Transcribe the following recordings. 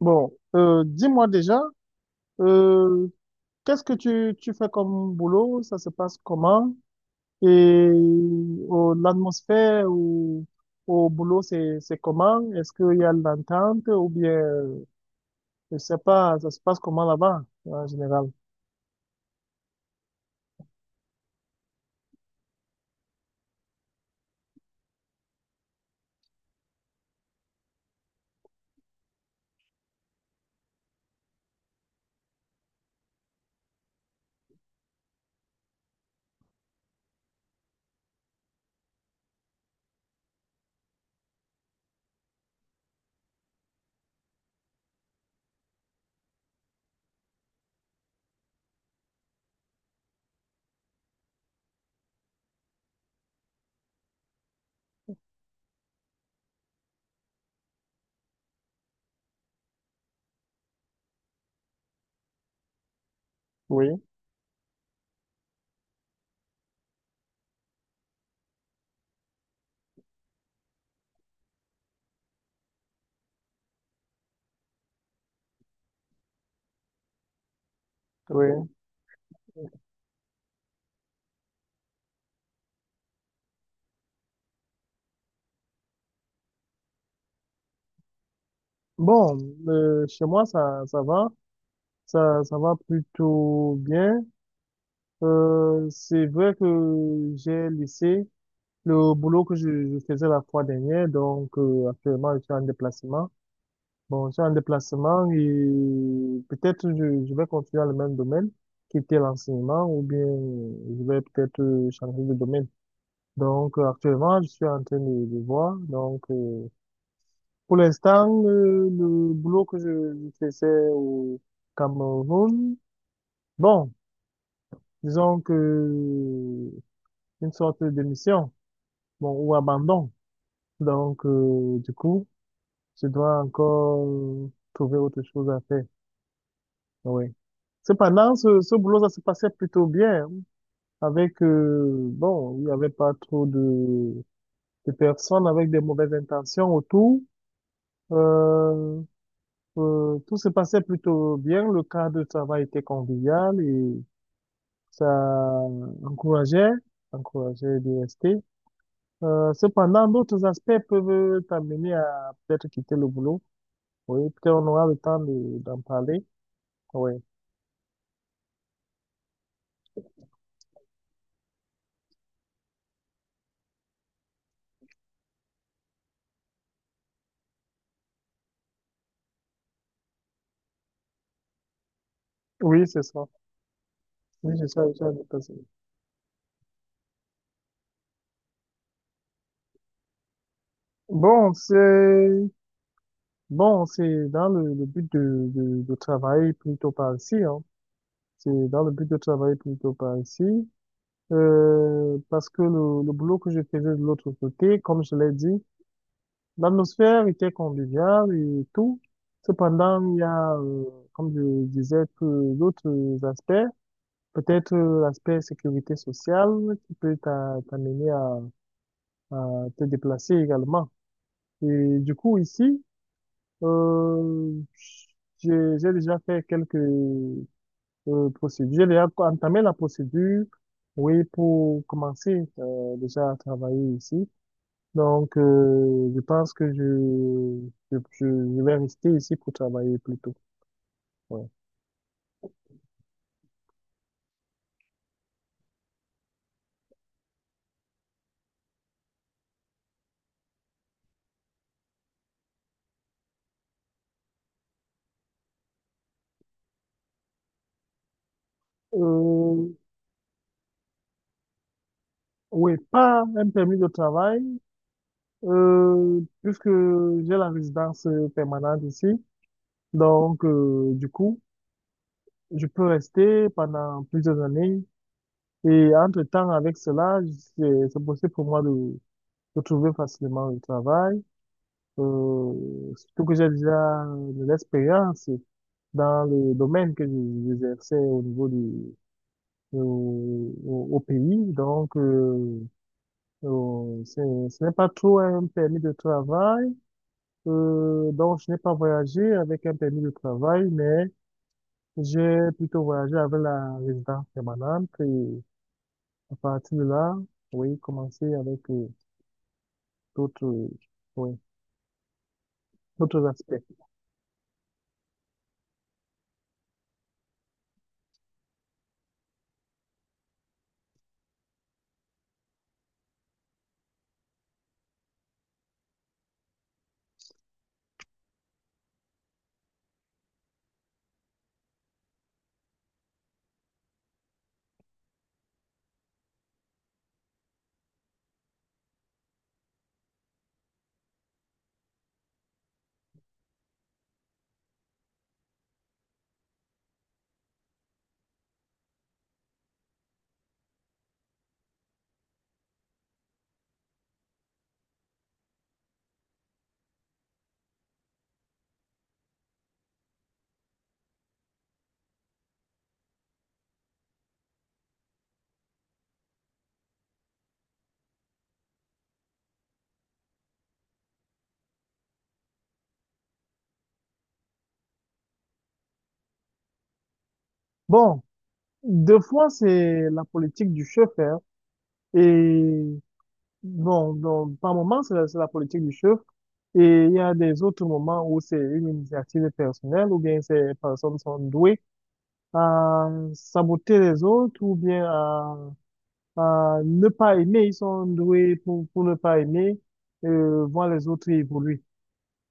Bon, dis-moi déjà, euh, qu'est-ce que tu fais comme boulot? Ça se passe comment? Et l'atmosphère au boulot, c'est comment? Est-ce qu'il y a de l'entente ou bien, je sais pas, ça se passe comment là-bas, en général? Oui, oui. Bon, chez moi, ça va. Ça va plutôt bien. C'est vrai que j'ai laissé le boulot que je faisais la fois dernière, donc actuellement je suis en déplacement. Bon, je suis en déplacement et peut-être je vais continuer dans le même domaine, quitter l'enseignement ou bien je vais peut-être changer de domaine. Donc actuellement je suis en train de voir. Donc pour l'instant le boulot que je faisais au Cameroun, bon, disons que une sorte de mission, bon, ou abandon. Donc, du coup, tu dois encore trouver autre chose à faire. Oui. Cependant, ce boulot, ça se passait plutôt bien, hein. Avec, bon, il n'y avait pas trop de personnes avec des mauvaises intentions autour. Euh, tout se passait plutôt bien. Le cadre de travail était convivial et ça encourageait, encourageait de rester. Cependant, d'autres aspects peuvent t'amener à peut-être quitter le boulot. Oui, peut-être on aura le temps de- d'en parler. Oui. Oui, c'est ça. Oui, c'est ça, j'ai passé. Bon, c'est, bon, c'est dans le but de travailler plutôt par ici, hein. C'est dans le but de travailler plutôt par ici. Parce que le boulot que je faisais de l'autre côté, comme je l'ai dit, l'atmosphère était conviviale et tout. Cependant, il y a, comme je disais, que d'autres aspects, peut-être l'aspect sécurité sociale qui peut t'a- t'amener à te déplacer également. Et du coup, ici, euh, j'ai déjà fait quelques procédures. J'ai déjà entamé la procédure, oui, pour commencer déjà à travailler ici. Donc, je pense que je vais rester ici pour travailler plus tôt. Ouais. Euh, oui, pas un permis de travail, puisque j'ai la résidence permanente ici. Donc, du coup, je peux rester pendant plusieurs années et entre-temps, avec cela, c'est possible pour moi de trouver facilement le travail, surtout que j'ai déjà de l'expérience dans le domaine que je- j'exerçais au niveau du, au, au- au pays. Donc, c'est- ce n'est pas trop un permis de travail. Donc, je n'ai pas voyagé avec un permis de travail, mais j'ai plutôt voyagé avec la résidence permanente. Et à partir de là, oui, commencer avec d'autres, oui, d'autres aspects. Bon, deux fois, c'est la politique du chef, hein, et bon, donc, par moment, c'est la politique du chef, et il y a des autres moments où c'est une initiative personnelle, ou bien ces personnes sont douées à saboter les autres, ou bien à ne pas aimer, ils sont doués pour ne pas aimer, voir les autres évoluer.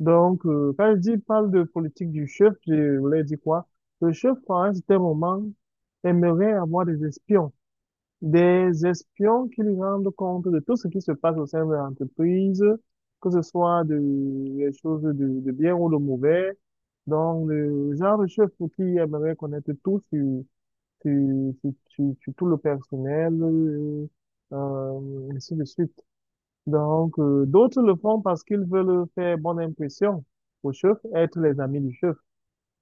Donc, quand je dis parle de politique du chef, je voulais dire quoi? Le chef, à un certain moment, aimerait avoir des espions qui lui rendent compte de tout ce qui se passe au sein de l'entreprise, que ce soit de, des choses de bien ou de mauvais. Donc, le genre de chef qui aimerait connaître tout sur sur- sur tout le personnel, ainsi de suite. Donc, d'autres le font parce qu'ils veulent faire bonne impression au chef, être les amis du chef.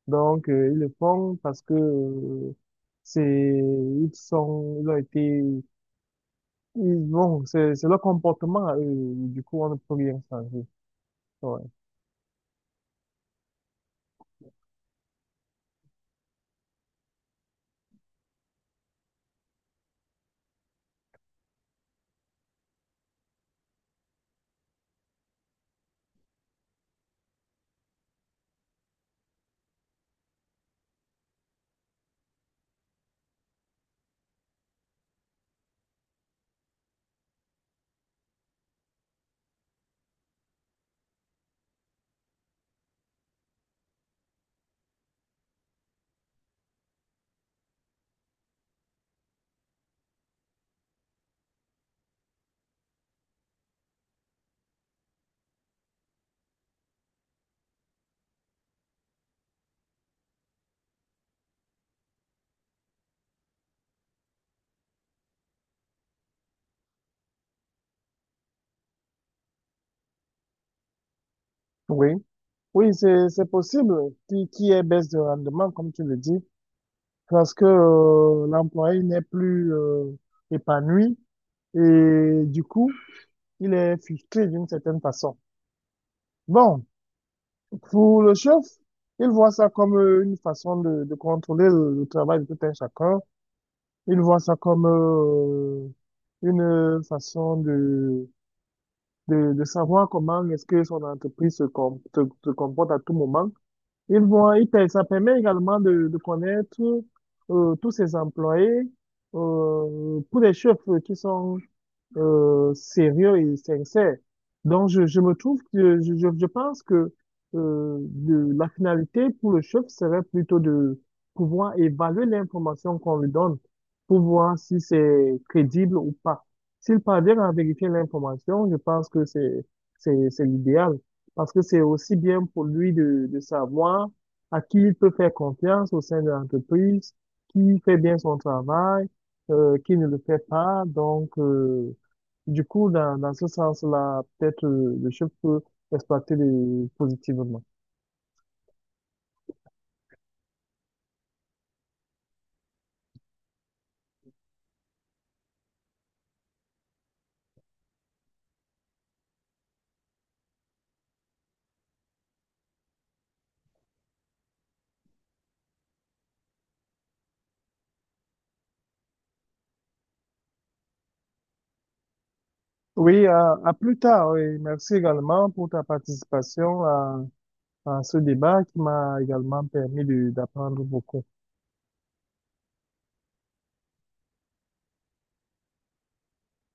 Donc, ils le font parce que c'est, ils sont, ils ont été, ils vont, c'est leur comportement à eux. Du coup, on ne peut rien changer. Ouais. Oui, oui, c'est possible. Qui est baisse de rendement, comme tu le dis, parce que l'employé n'est plus épanoui et du coup, il est frustré d'une certaine façon. Bon. Pour le chef, il voit ça comme une façon de contrôler le travail de tout un chacun. Il voit ça comme une façon de savoir comment est-ce que son entreprise se, com- se comporte à tout moment. Il voit, il, per- ça permet également de connaître tous ses employés. Pour les chefs qui sont sérieux et sincère. Donc, je me trouve que je pense que de, la finalité pour le chef serait plutôt de pouvoir évaluer l'information qu'on lui donne pour voir si c'est crédible ou pas. S'il parvient à vérifier l'information, je pense que c'est l'idéal parce que c'est aussi bien pour lui de savoir à qui il peut faire confiance au sein de l'entreprise, qui fait bien son travail qui ne le fait pas. Donc, du coup, dans ce sens-là, peut-être le chef peut exploiter les- positivement. Oui, à plus tard. Oui. Merci également pour ta participation à ce débat qui m'a également permis de- d'apprendre beaucoup.